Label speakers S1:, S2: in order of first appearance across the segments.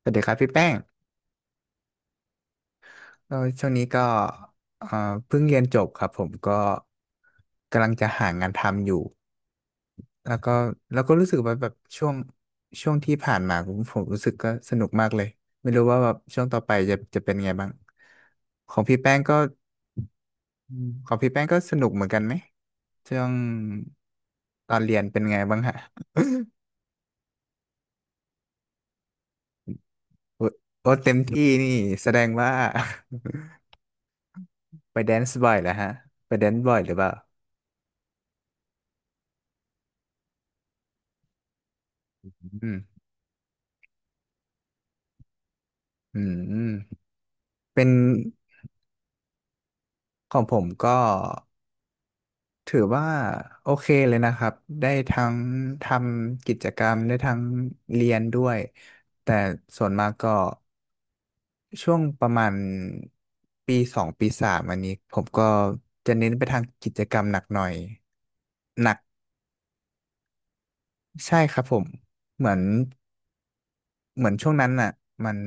S1: สวัสดีครับพี่แป้งก็ช่วงนี้ก็เอ่อเพิ่งเรียนจบครับผมก็กำลังจะหางานทำอยู่แล้วก็แล้วก็รู้สึกว่าแบบช่วงที่ผ่านมาผมรู้สึกก็สนุกมากเลย ไม่รู้ว่าแบบช่วงต่อไปจะเป็นไงบ้างของพี่แป้งก็อืมของพี่แป้งก็สนุกเหมือนกันไหมช่วงตอนเรียนเป็นไงบ้างฮะโอ้โอ้เต็มที่นี่แสดงว่า ไปแดนซ์บ่อยแล้วฮะไปแดนซ์บ่อยหรือเปล่าอืมอืมเป็น ของผมก็ถือว่าโอเคเลยนะครับได้ทั้งทำกิจกรรมได้ทั้งเรียนด้วยแต่ส่วนมากก็ช่วงประมาณปีสองปีสามอันนี้ผมก็จะเน้นไปทางกิจกรรมหนักหน่อยหนักใช่ครับผมเหมือน เหมือนช่วงนั้นน่ะมัน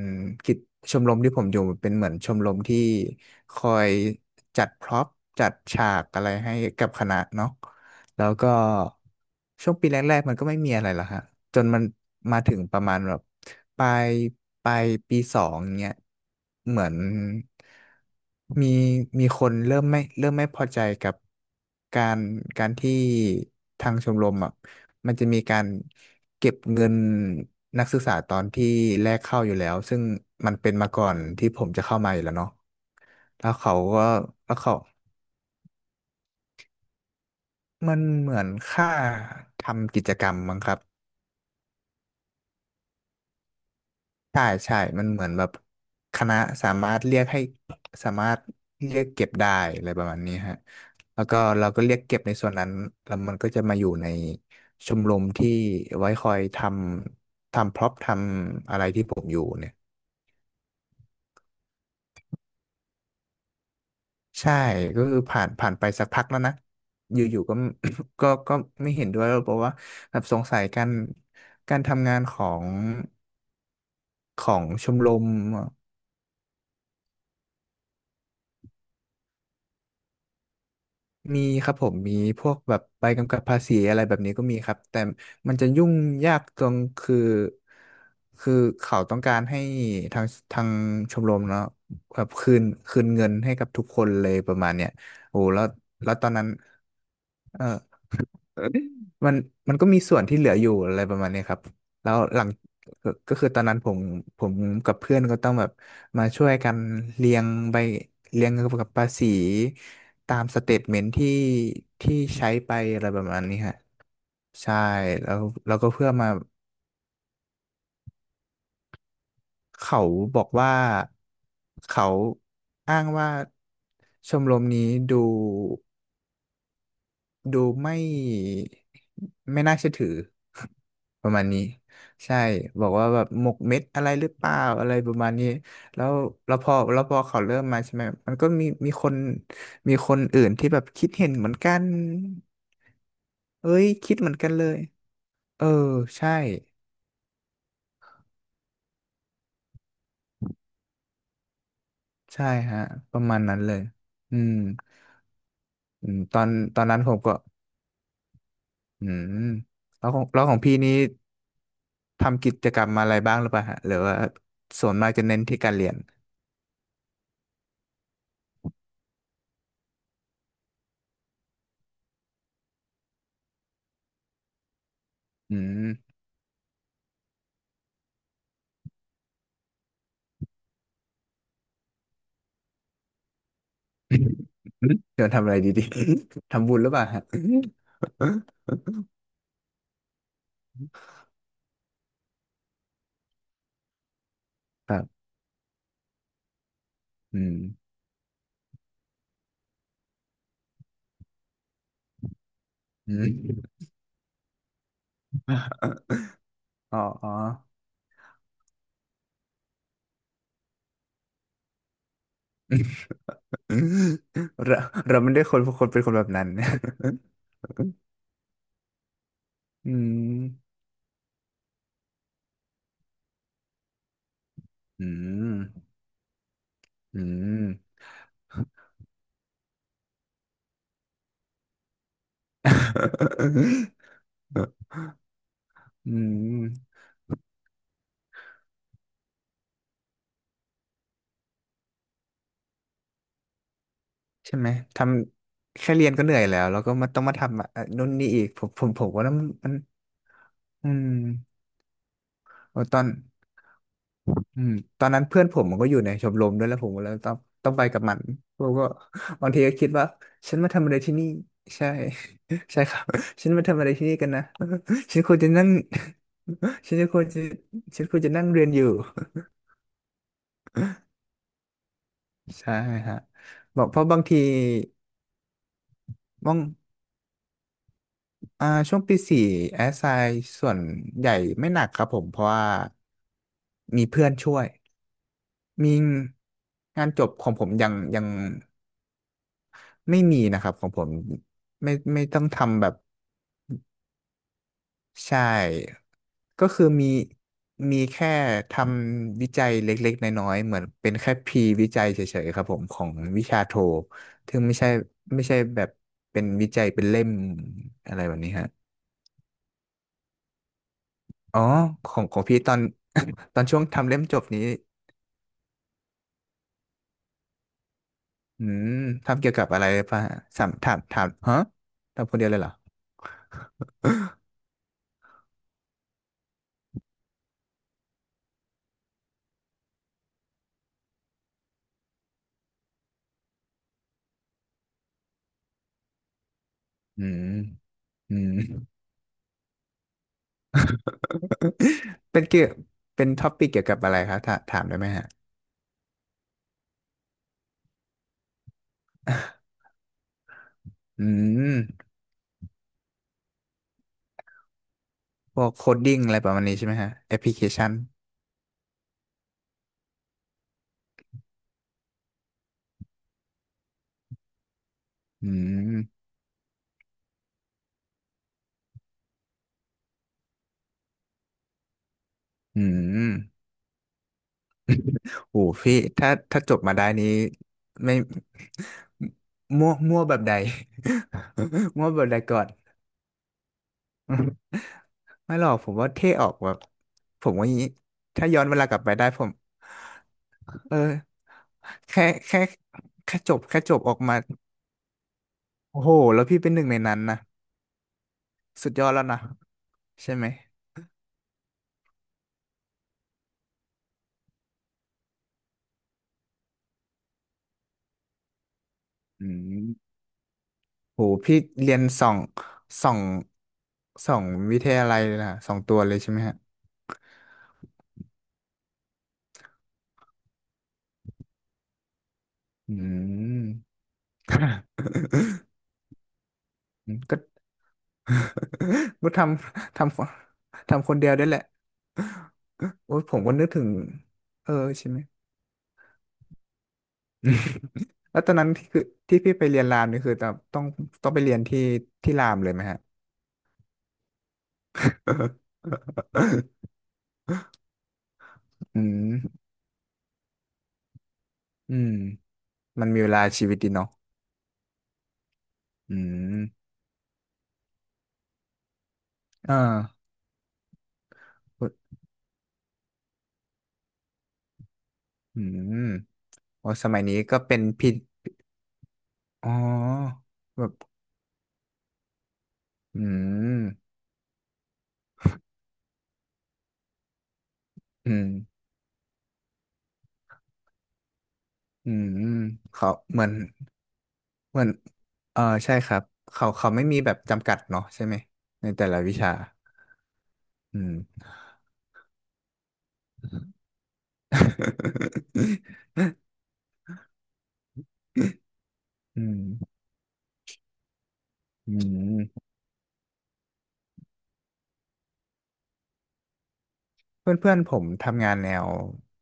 S1: กิจชมรมที่ผมอยู่เป็นเหมือนชมรมที่คอยจัดพร็อพจัดฉากอะไรให้กับคณะเนาะแล้วก็ช่วงปีแรกๆมันก็ไม่มีอะไรหรอกฮะจนมันมาถึงประมาณแบบปลายปลายปีสองเงี้ยเหมือนมีมีคนเริ่มไม่เริ่มไม่พอใจกับการการที่ทางชมรมอ่ะมันจะมีการ เก็บเงินนักศึกษาตอนที่แรกเข้าอยู่แล้วซึ่งมันเป็นมาก่อนที่ผมจะเข้ามาอยู่แล้วเนาะแล้วเขาก็แล้วเขามันเหมือนค่าทำกิจกรรมมั้งครับใช่ใช่มันเหมือนแบบคณะสามารถเรียกให้สามารถเรียกเก็บได้อะไรประมาณนี้ฮะแล้วก็เราก็เรียกเก็บในส่วนนั้นแล้วมันก็จะมาอยู่ในชมรมที่ไว้คอยทำทำพร็อพทำอะไรที่ผมอยู่เนี่ย ใช่ก็คือผ่านผ่านไปสักพักแล้วนะอยู่ๆก็ ก็ก็ไม่เห็นด้วยแล้วเพราะว่าแบบสงสัยการการทำงานของของชมรมมีครับผมมีพวกแบบใบกำกับภาษีอะไรแบบนี้ก็มีครับแต่มันจะยุ่งยากตรงคือคือเขาต้องการให้ทางทางชมรมเนาะแบบคืนคืนเงินให้กับทุกคนเลยประมาณเนี้ยโอ้แล้วแล้วตอนนั้นเออ มันมันก็มีส่วนที่เหลืออยู่อะไรประมาณนี้ครับ แล้วหลังก็ก็คือตอนนั้นผมกับเพื่อนก็ต้องแบบมาช่วยกันเรียงใบเรียงเกี่ยวกับภาษีตามสเตทเมนต์ที่ที่ใช้ไปอะไรประมาณนี้ฮะใช่แล้วแล้วก็เพื่อมาเขาบอกว่า เขาอ้างว่าชมรมนี้ดู ดูไม่ไม่น่าเชื่อถือ ประมาณนี้ใช่บอกว่าแบบหมกเม็ดอะไรหรือเปล่าอะไรประมาณนี้แล้วแล้วพอแล้วพอเขาเริ่มมาใช่ไหมมันก็มีมีคนมีคนอื่นที่แบบคิดเห็นเหมือนกันเอ้ยคิดเหมือนกันเลยเออใช่ใช่ฮะประมาณนั้นเลยอืมอืมตอนตอนนั้นผมก็อืมแล้วของแล้วของพี่นี้ทำกิจกรรมอะไรบ้างหรือเปล่าฮะหรือว่าส่วนมากจะเน้นที่การเรียนอืม เดทำอะไรดีๆทำบุญหรือเปล่าฮะครับอืมอืมอ๋อ อ๋อ เราเราไม่ได้คนคนเป็นคนแบบนั้น อืม อืม อืม อืม ใช่ไหม ทำแค่เรียนก็เหนื่อยแล้ว แล้วก็มาต้องมาทำอ่ะนู่นนี่อีก ผมว่ามันมันอืมโอ้ตอน อืมตอนนั้นเพื่อนผมมันก็อยู่ในชมรมด้วยแล้วผมก็เลยต้องไปกับมันผมก็ บางทีก็คิดว่าฉันมาทำอะไรที่นี่ใช่ ใช่ครับฉันมาทำอะไรที่นี่กันนะ ฉันควรจะนั่ง ฉันจะควรจะฉันควรจะนั่งเรียนอยู่ ใช่ฮะบอกเพราะบางทีมองอ่าช่วงปีสี่แอสไซน์ส่วนใหญ่ไม่หนักครับผมเพราะว่ามีเพื่อนช่วยมีงานจบของผมยังยัง ไม่มีนะครับของผมไม่ไม่ต้องทำแบบใช่ก็คือมีมีแค่ทำวิจัยเล็กๆน้อยๆเหมือนเป็นแค่พรีวิจัยเฉยๆครับผมของวิชาโทถึงไม่ใช่ไม่ใช่แบบเป็นวิจัยเป็นเล่มอะไรแบบนี้ฮะอ๋อของของพี่ตอนตอนช่วงทำเล่มจบนี้อืมทำเกี่ยวกับอะไรป่ะสามถามถามฮะทำคนเดียวเลยเหรออืมอืม เป็นเกี่ยวเป็นท็อปิกเกี่ยวกับอะไรครับถาถามได้ไหมฮะอืมพวกโคดดิ้งอะไรประมาณนี้ใช่ไหมฮะแอปพลิเคชันอืมอืมโอ้พี่ถ้าถ้าจบมาได้นี้ไม่ มั่วมั่วแบบใด มั่วแบบใดก่อนไม่หรอกผมว่าเท่ออกแบบผมว่าอย่างนี้ถ้าย้อนเวลากลับไปได้ผมเออแค่แค่แค่จบแค่จบออกมาโอ้โหแล้วพี่เป็นหนึ่งในนั้นนะสุดยอดแล้วนะ ใช่ไหมอืม โหพี่เรียนสองสองวิทยาลัยเลยนะสองตัวเลยใช่ไหมฮะอืม อืมก็ ก็ำททำคนเดียวได้แหละโอ้ยผมก็นึกถึงเออใช่ไหม แล้วตอนนั้นที่คือที่พี่ไปเรียนรามนี่คือต้องไปเรียนที่รามเลยไหมฮะ อืมอืมมันมีเวลาชีวิตดีเนาะอืมอ่าพูดอืมโอ้สมัยนี้ก็เป็นพี่ อ๋อแบบอืมอืมอืมเขาเหมือนเออใช่ครับเขาไม่มีแบบจำกัดเนาะใช่ไหมในแต่ละวิชาอืม อืมอืมเพื่อนเพื่อนผมทำงานแนว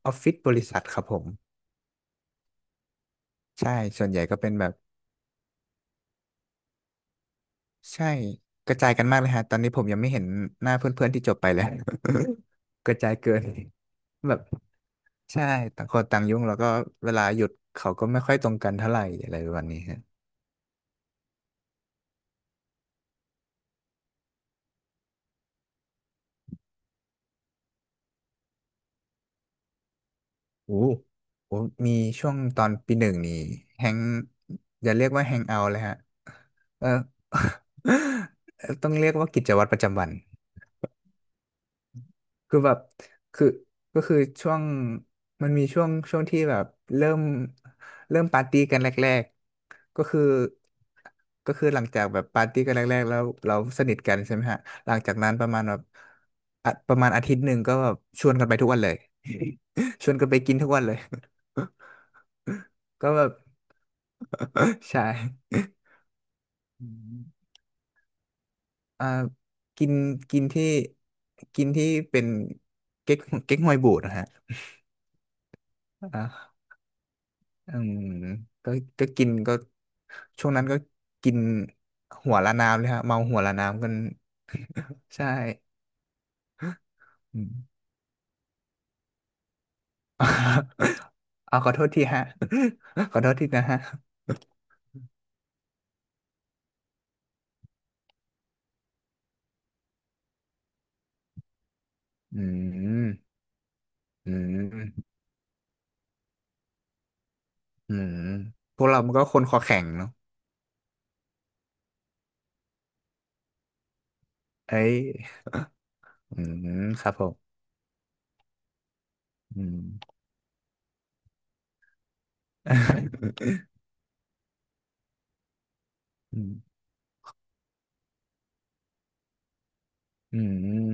S1: ออฟฟิศบริษัทครับผมใช่ส่วนใหญ่ก็เป็นแบบใช่กระจายกันมากเลยฮะตอนนี้ผมยังไม่เห็นหน้าเพื่อนเพื่อนที่จบไปเลย กระจายเกินแบบ ใช่ต่างคนต่างยุ่งแล้วก็เวลาหยุดเขาก็ไม่ค่อยตรงกันเท่าไหร่อะไรประมาณนี้ฮะโอ้โอ้มีช่วงตอนปีหนึ่งนี่แฮงอย่าเรียกว่าแฮงเอาเลยฮะเออ ต้องเรียกว่ากิจวัตรประจำวัน คือแบบคือก็คือช่วงมันมีช่วงที่แบบเริ่มเริ่มปาร์ตี้กันแรกๆก็คือหลังจากแบบปาร์ตี้กันแรกๆแล้วเราสนิทกันใช่ไหมฮะหลังจากนั้นประมาณแบบอะประมาณอาทิตย์หนึ่งก็แบบชวนกันไปทุกวันเลย ชวนกันไปกินทุกวันเลย ก็แบบ ใช่อืม อ่ากินกินที่กินที่เป็นเก๊กเก๊กฮวยบูดนะฮะอ่า อืมก็ก็กินก็ช่วงนั้นก็กินหัวละน้ำเลยฮะเมาหัวละน้ำกันใช่อืม เอาขอโทษทีฮะ ขอโทษทีนะฮะอืมอืมอืมพวกเรามันก็คนคอแข็งเนาะเอ้ยอืมครับผมอืม อืมอืม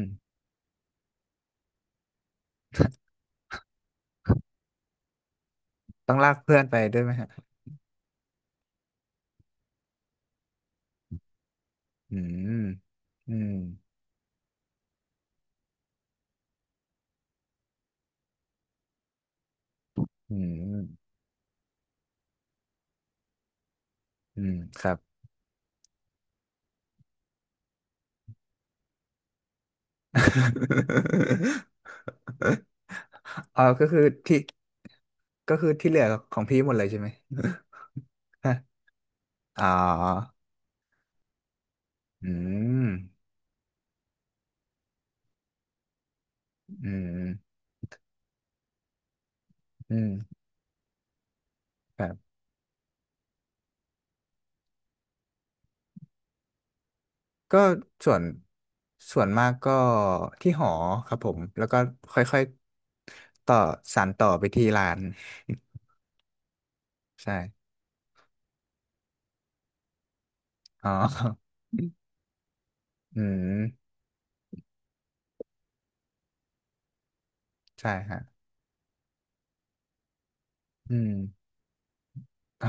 S1: ต้องลากเพื่อนไปด้วยไหมฮะอืมอืมอืมอืมครับ อ๋อก็คือที่ก็คือที่เหลือของพี่หมดเลยใช่ไหม ฮะอ๋ออืมอืมอืมครับก็ส่วนส่วนมากก็ที่หอครับผมแล้วก็ค่อยๆต่อสานต่อไปที่ร้าน ใช่อ๋อ อืมใช่ฮะอืม อ๋อ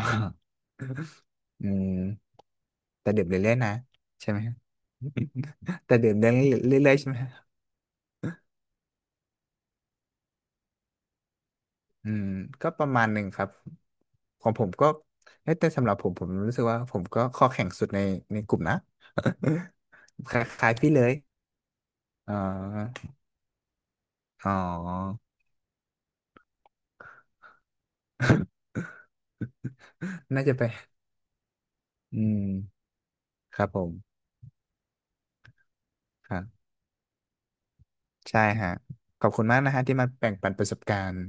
S1: อืมแต่ดื่มเรื่อยๆนะใช่ไหมฮะแต่ดื่มเรื่อยๆใช่ไหมฮะอืมก็ประมาณหนึ่งครับ ของผมก็เอ้ยแต่สำหรับผมผมรู้สึกว่าผมก็ข้อแข็งสุดในในกลุ่มนะ คล้ายๆพี่เลยอ๋ออ๋อ น่าจะไปอืมครับผม ครับ ใช่ฮะ ขอบคุณมากนะฮะที่มาแบ่งปันประสบการณ์